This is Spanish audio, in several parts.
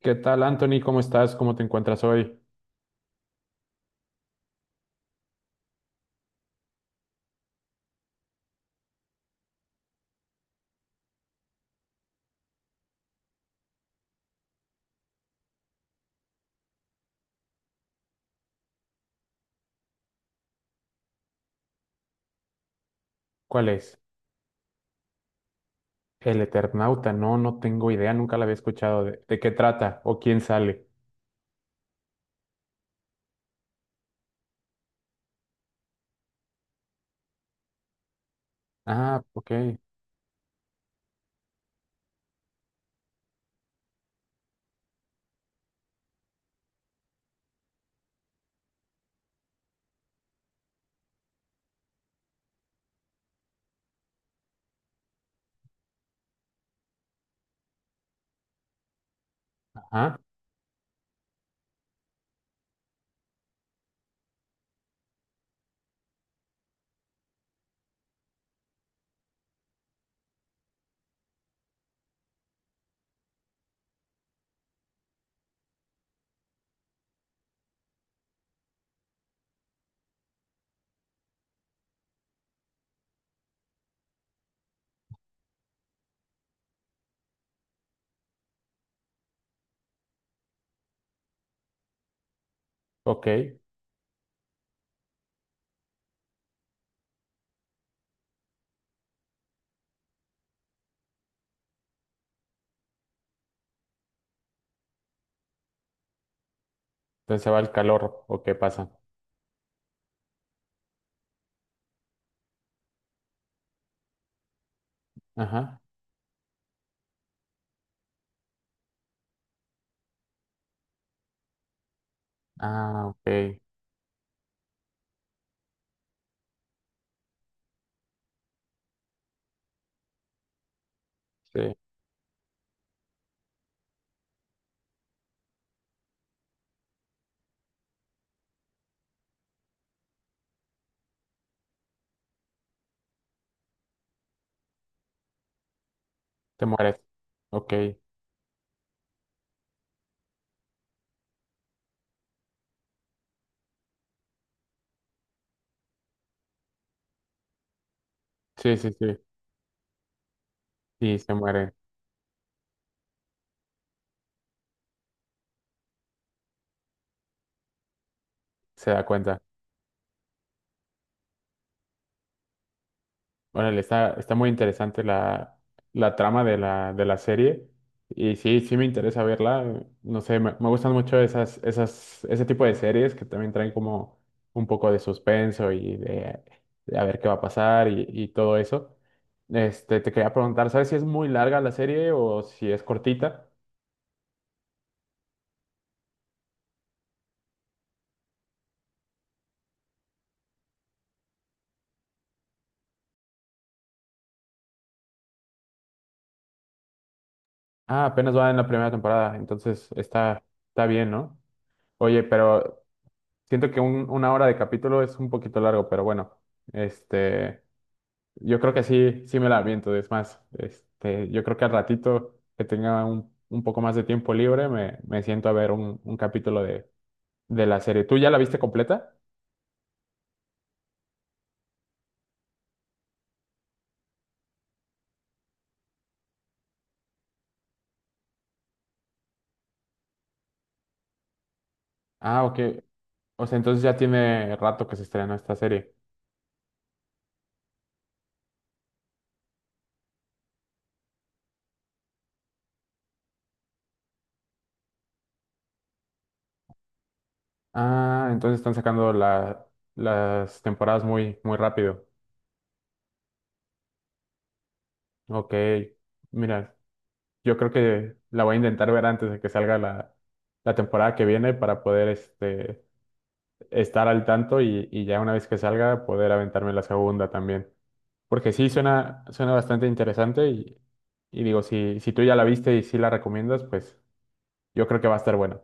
¿Qué tal, Anthony? ¿Cómo estás? ¿Cómo te encuentras hoy? ¿Cuál es? El Eternauta. No, no tengo idea. Nunca la había escuchado. ¿De qué trata? ¿O quién sale? Ah, ok. Ajá, ok. Entonces se va el calor. ¿O qué pasa? Ajá. Ah, ok. Sí. Te mueres. Ok. Sí, sí, sí. Y se muere. Se da cuenta. Órale, está muy interesante la trama de la serie. Y sí, sí me interesa verla. No sé, me gustan mucho ese tipo de series que también traen como un poco de suspenso y de a ver qué va a pasar y todo eso. Este, te quería preguntar, ¿sabes si es muy larga la serie o si es cortita? Ah, apenas va en la primera temporada, entonces está, está bien, ¿no? Oye, pero siento que una hora de capítulo es un poquito largo, pero bueno, este... Yo creo que sí, sí me la aviento. Es más, este, yo creo que al ratito que tenga un poco más de tiempo libre, me siento a ver un capítulo de la serie. ¿Tú ya la viste completa? Ah, ok. O sea, entonces ya tiene rato que se estrenó esta serie. Ah, entonces están sacando las temporadas muy, muy rápido. Ok. Mira, yo creo que la voy a intentar ver antes de que salga la temporada que viene para poder este, estar al tanto y ya una vez que salga poder aventarme la segunda también. Porque sí, suena, suena bastante interesante y digo, si, si tú ya la viste y sí la recomiendas, pues yo creo que va a estar bueno.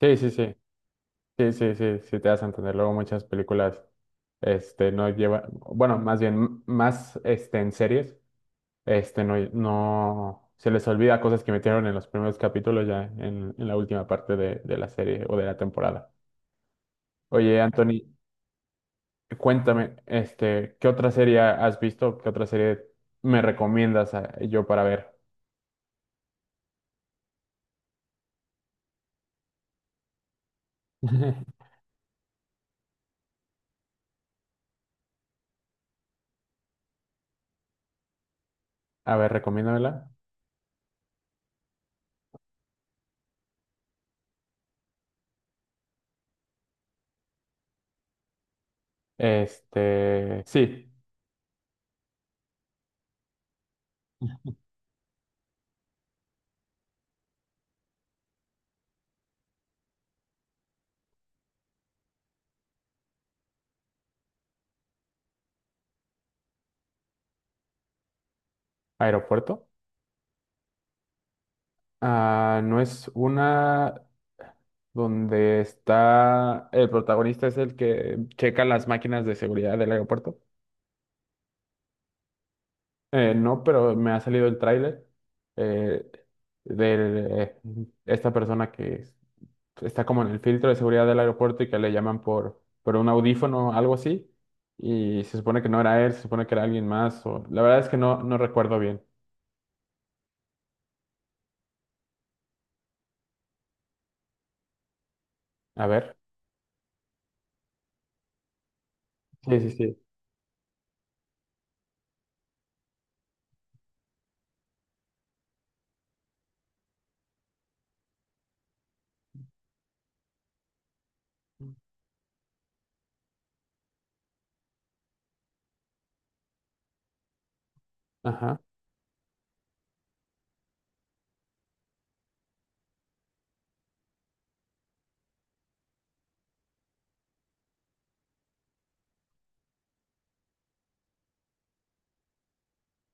Sí, sí, sí, sí, sí, sí, sí, te vas a entender. Luego muchas películas, este, no llevan, bueno, más bien, más, este, en series, este, no, no, se les olvida cosas que metieron en los primeros capítulos ya en la última parte de la serie o de la temporada. Oye, Anthony, cuéntame, este, ¿qué otra serie has visto? ¿Qué otra serie me recomiendas yo para ver? A ver, recomiéndamela. Este, sí, aeropuerto. Ah, ¿no es una donde está el protagonista es el que checa las máquinas de seguridad del aeropuerto? No, pero me ha salido el tráiler eh, de esta persona que es está como en el filtro de seguridad del aeropuerto y que le llaman por un audífono o algo así. Y se supone que no era él, se supone que era alguien más. O... La verdad es que no, no recuerdo bien. A ver. Sí, sí, sí. Ajá.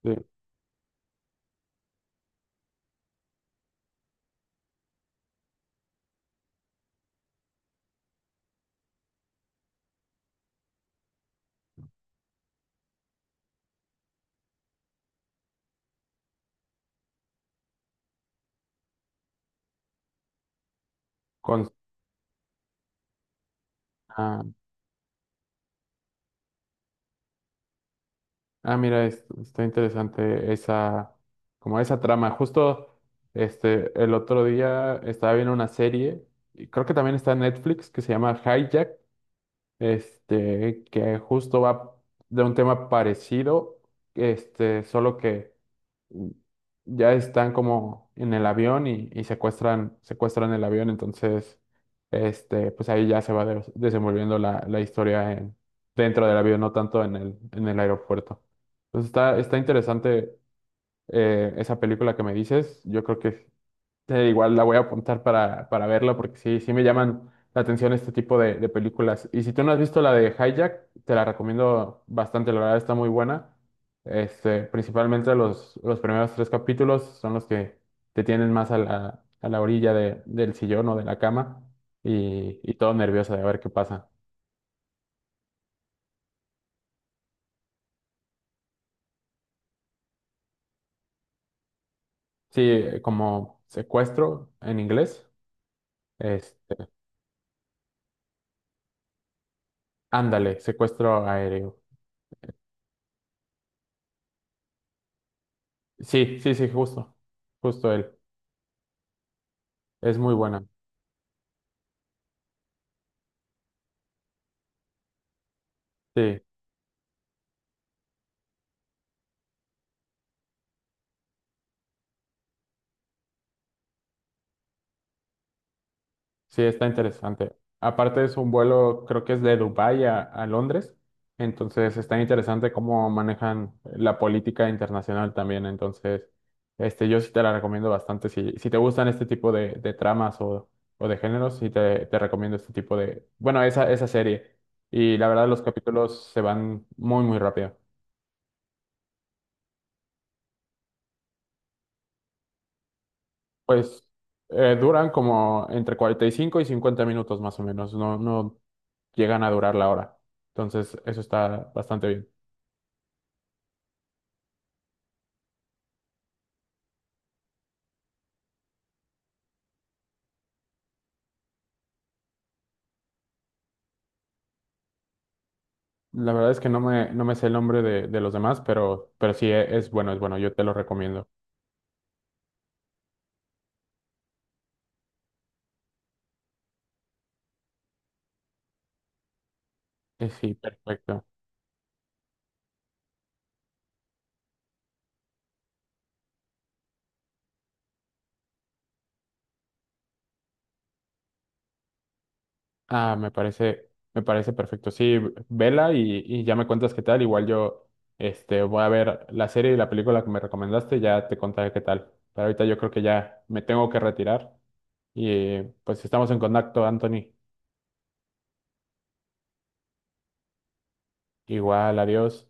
Sí. Con... Ah, ah, mira, está interesante esa, como esa trama. Justo este, el otro día estaba viendo una serie, y creo que también está en Netflix, que se llama Hijack. Este, que justo va de un tema parecido, este, solo que mm, ya están como en el avión y secuestran, secuestran el avión, entonces, este, pues ahí ya se va desenvolviendo la historia en, dentro del avión, no tanto en el aeropuerto. Entonces está, está interesante esa película que me dices, yo creo que igual la voy a apuntar para verla porque sí, sí me llaman la atención este tipo de películas. Y si tú no has visto la de Hijack, te la recomiendo bastante, la verdad está muy buena. Este, principalmente los primeros tres capítulos son los que te tienen más a la orilla del sillón o de la cama y todo nervioso de ver qué pasa. Sí, como secuestro en inglés. Este, ándale, secuestro aéreo. Sí, sí, sí, justo, justo él. Es muy buena. Sí. Sí, está interesante. Aparte es un vuelo, creo que es de Dubái a Londres, entonces está interesante cómo manejan la política internacional también, entonces este, yo sí te la recomiendo bastante. Si, si te gustan este tipo de tramas o de géneros, sí te recomiendo este tipo de, bueno, esa serie. Y la verdad los capítulos se van muy, muy rápido. Pues duran como entre 45 y 50 minutos más o menos, no, no llegan a durar la hora. Entonces, eso está bastante bien. La verdad es que no me, no me sé el nombre de los demás, pero sí es bueno, yo te lo recomiendo. Sí, perfecto. Ah, me parece perfecto. Sí, vela y ya me cuentas qué tal. Igual yo este, voy a ver la serie y la película que me recomendaste, ya te contaré qué tal. Pero ahorita yo creo que ya me tengo que retirar y pues estamos en contacto, Anthony. Igual, adiós.